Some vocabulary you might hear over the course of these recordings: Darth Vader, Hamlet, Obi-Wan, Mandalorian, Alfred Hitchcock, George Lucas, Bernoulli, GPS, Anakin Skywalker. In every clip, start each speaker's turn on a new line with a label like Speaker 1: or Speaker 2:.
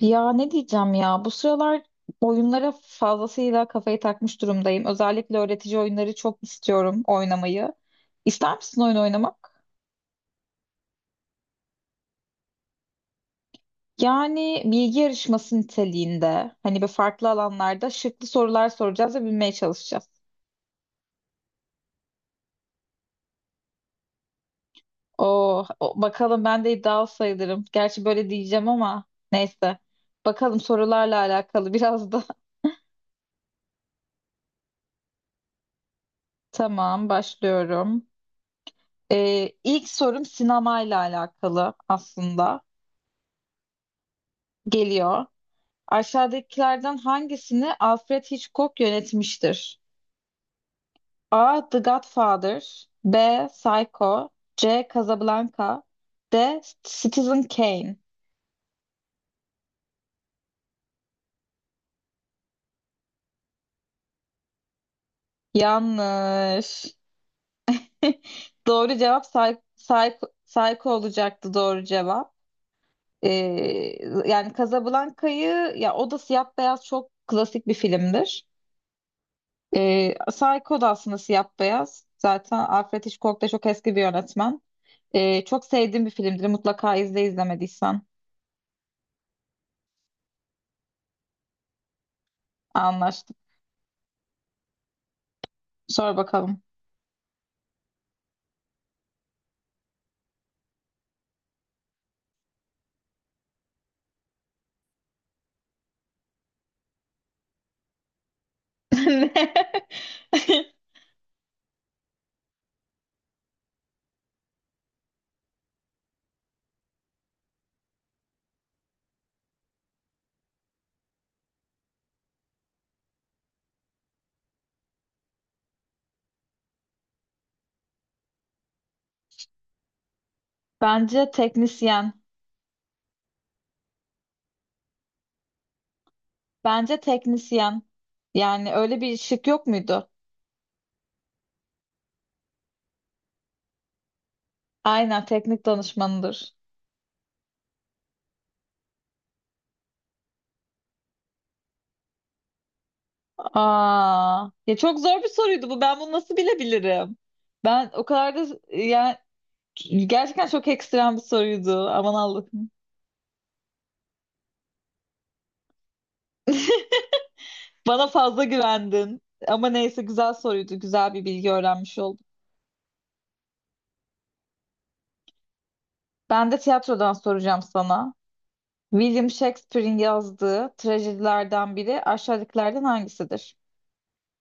Speaker 1: Ya ne diyeceğim ya bu sıralar oyunlara fazlasıyla kafayı takmış durumdayım. Özellikle öğretici oyunları çok istiyorum oynamayı. İster misin oyun oynamak? Yani bilgi yarışması niteliğinde hani bir farklı alanlarda şıklı sorular soracağız ve bilmeye çalışacağız. Oo, bakalım ben de iddialı sayılırım. Gerçi böyle diyeceğim ama neyse. Bakalım sorularla alakalı biraz da. Tamam başlıyorum. İlk sorum sinemayla alakalı aslında. Geliyor. Aşağıdakilerden hangisini Alfred Hitchcock yönetmiştir? A. The Godfather B. Psycho C. Casablanca D. Citizen Kane. Yanlış. Doğru cevap Psycho, Psycho olacaktı doğru cevap. Ee, yani Casablanca'yı ya o da siyah beyaz çok klasik bir filmdir. Psycho da aslında siyah beyaz. Zaten Alfred Hitchcock da çok eski bir yönetmen. Çok sevdiğim bir filmdir. Mutlaka izle izlemediysen. Anlaştık. Sor bakalım. Ne? Bence teknisyen. Bence teknisyen. Yani öyle bir şık yok muydu? Aynen teknik danışmanıdır. Aa, ya çok zor bir soruydu bu. Ben bunu nasıl bilebilirim? Ben o kadar da yani gerçekten çok ekstrem bir soruydu. Aman Allah'ım. Bana fazla güvendin. Ama neyse güzel soruydu. Güzel bir bilgi öğrenmiş oldum. Ben de tiyatrodan soracağım sana. William Shakespeare'in yazdığı trajedilerden biri aşağıdakilerden hangisidir?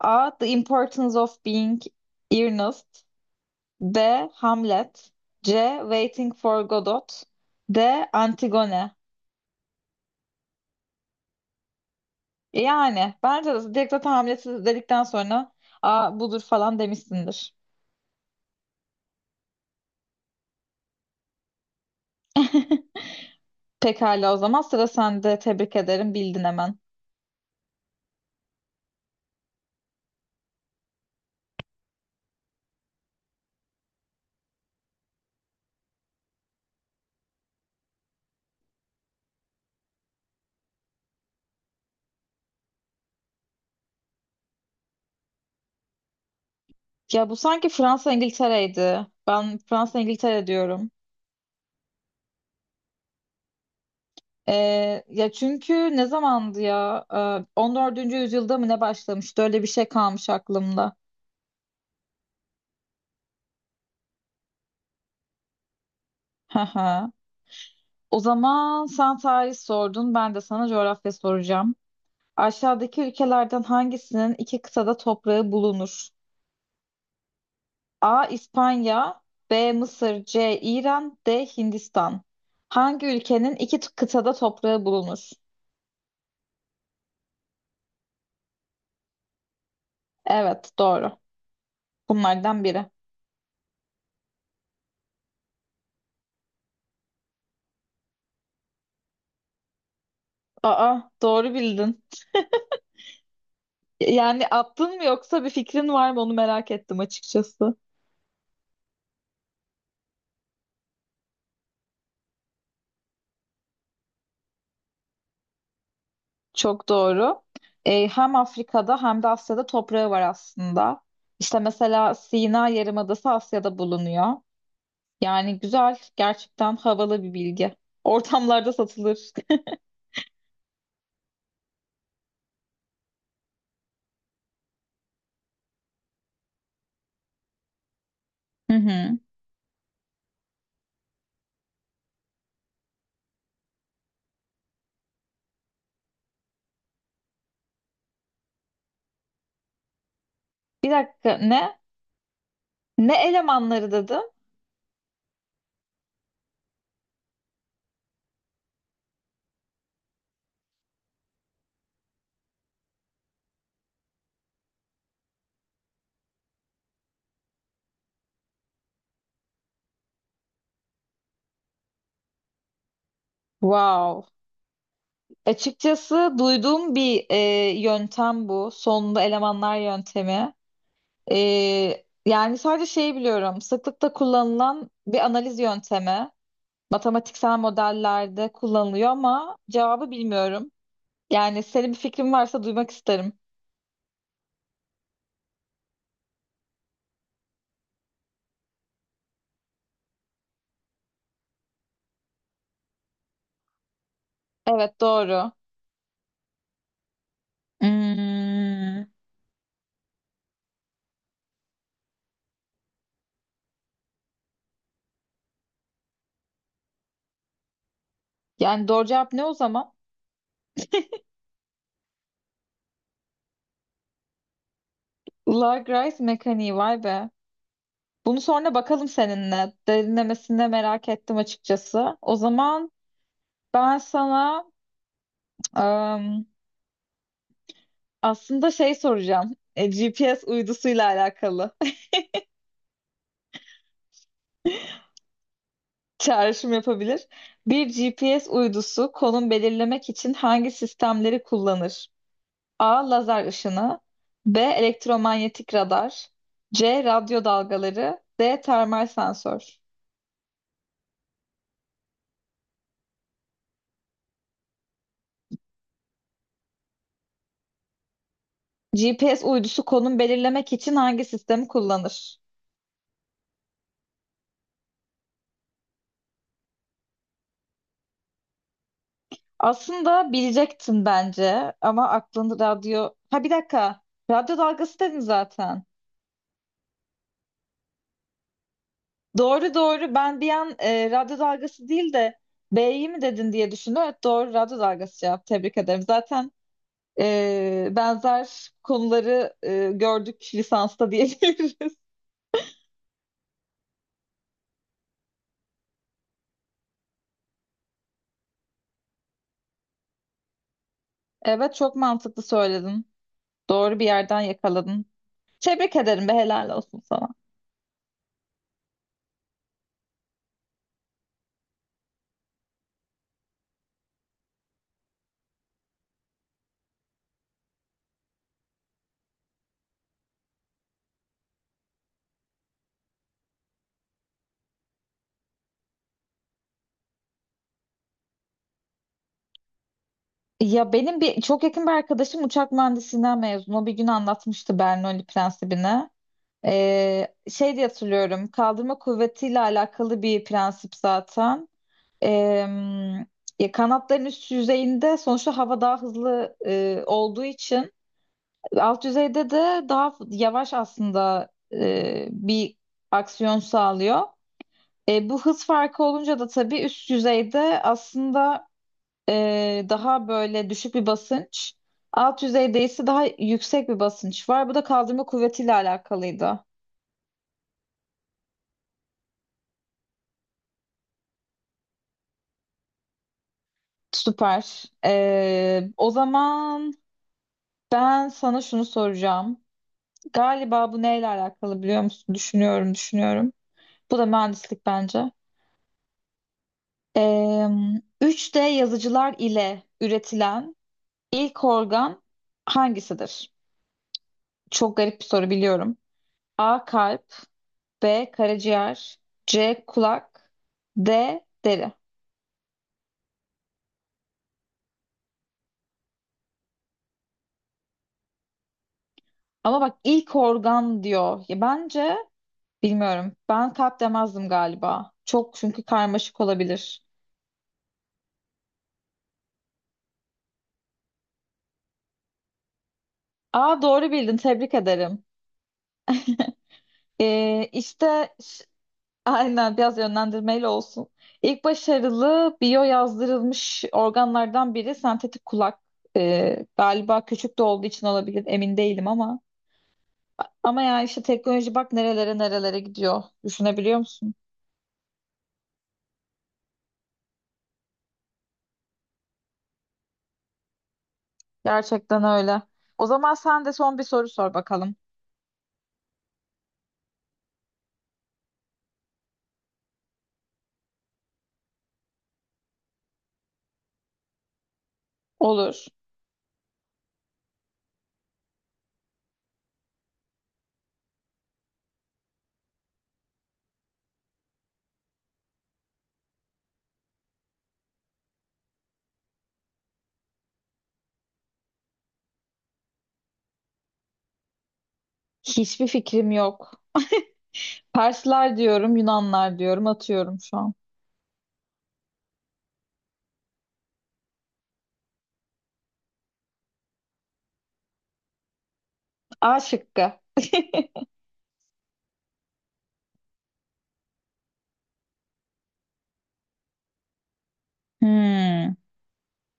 Speaker 1: A. The Importance of Being Earnest. B. Hamlet. C. Waiting for Godot. D. Antigone. Yani bence de direkt zaten Hamlet'i dedikten sonra A budur falan demişsindir. Pekala o zaman sıra sende. Tebrik ederim. Bildin hemen. Ya bu sanki Fransa İngiltere'ydi. Ben Fransa İngiltere diyorum. Ya çünkü ne zamandı ya? 14. yüzyılda mı ne başlamıştı? Öyle bir şey kalmış aklımda. Hı hı. O zaman sen tarih sordun, ben de sana coğrafya soracağım. Aşağıdaki ülkelerden hangisinin iki kıtada toprağı bulunur? A. İspanya, B. Mısır, C. İran, D. Hindistan. Hangi ülkenin iki kıtada toprağı bulunur? Evet, doğru. Bunlardan biri. Aa, doğru bildin. Yani attın mı yoksa bir fikrin var mı onu merak ettim açıkçası. Çok doğru. Hem Afrika'da hem de Asya'da toprağı var aslında. İşte mesela Sina Yarımadası Asya'da bulunuyor. Yani güzel, gerçekten havalı bir bilgi. Ortamlarda satılır. Hı hı. Bir dakika ne? Ne elemanları dedim? Wow. Açıkçası duyduğum bir yöntem bu. Sonunda elemanlar yöntemi. E, yani sadece şeyi biliyorum. Sıklıkla kullanılan bir analiz yöntemi. Matematiksel modellerde kullanılıyor ama cevabı bilmiyorum. Yani senin bir fikrin varsa duymak isterim. Evet doğru. Hmm. Yani doğru cevap ne o zaman? Lagrave mekaniği vay be. Bunu sonra bakalım seninle. Derinlemesine de merak ettim açıkçası. O zaman ben sana ım, aslında şey soracağım. GPS uydusuyla alakalı çağrışım yapabilir. Bir GPS uydusu konum belirlemek için hangi sistemleri kullanır? A. Lazer ışını. B. Elektromanyetik radar. C. Radyo dalgaları. D. Termal sensör. GPS uydusu konum belirlemek için hangi sistemi kullanır? Aslında bilecektin bence ama aklında radyo... Ha bir dakika. Radyo dalgası dedin zaten. Doğru doğru. Ben bir an radyo dalgası değil de B'yi mi dedin diye düşündüm. Evet doğru radyo dalgası cevap. Tebrik ederim. Zaten benzer konuları gördük lisansta diyebiliriz. Evet çok mantıklı söyledin. Doğru bir yerden yakaladın. Tebrik ederim be helal olsun sana. Ya benim bir çok yakın bir arkadaşım uçak mühendisliğinden mezun. O bir gün anlatmıştı Bernoulli prensibini. Şey diye hatırlıyorum. Kaldırma kuvvetiyle alakalı bir prensip zaten. Ee, ya kanatların üst yüzeyinde sonuçta hava daha hızlı olduğu için alt düzeyde de daha yavaş aslında bir aksiyon sağlıyor. Bu hız farkı olunca da tabii üst düzeyde aslında daha böyle düşük bir basınç. Alt düzeyde ise daha yüksek bir basınç var. Bu da kaldırma kuvvetiyle alakalıydı. Süper. O zaman ben sana şunu soracağım. Galiba bu neyle alakalı biliyor musun? Düşünüyorum, düşünüyorum. Bu da mühendislik bence. 3D yazıcılar ile üretilen ilk organ hangisidir? Çok garip bir soru biliyorum. A. Kalp. B. Karaciğer. C. Kulak. D. Deri. Ama bak ilk organ diyor. Ya bence bilmiyorum. Ben kalp demezdim galiba. Çok çünkü karmaşık olabilir. A. Doğru bildin. Tebrik ederim. İşte Aynen biraz yönlendirmeyle olsun. İlk başarılı biyo yazdırılmış organlardan biri sentetik kulak. Galiba küçük de olduğu için olabilir emin değilim ama. Ama yani işte teknoloji bak nerelere nerelere gidiyor. Düşünebiliyor musun? Gerçekten öyle. O zaman sen de son bir soru sor bakalım. Olur. Hiçbir fikrim yok. Persler diyorum, Yunanlar diyorum, atıyorum şu an. A şıkkı. Hmm.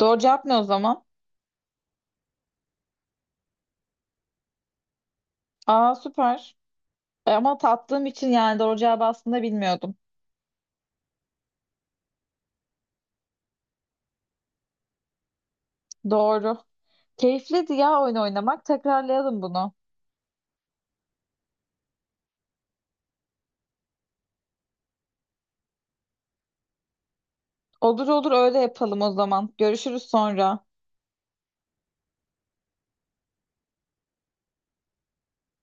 Speaker 1: Doğru cevap ne o zaman? Aa süper. Ama tattığım için yani doğru cevabı aslında bilmiyordum. Doğru. Keyifliydi ya oyun oynamak. Tekrarlayalım bunu. Olur olur öyle yapalım o zaman. Görüşürüz sonra.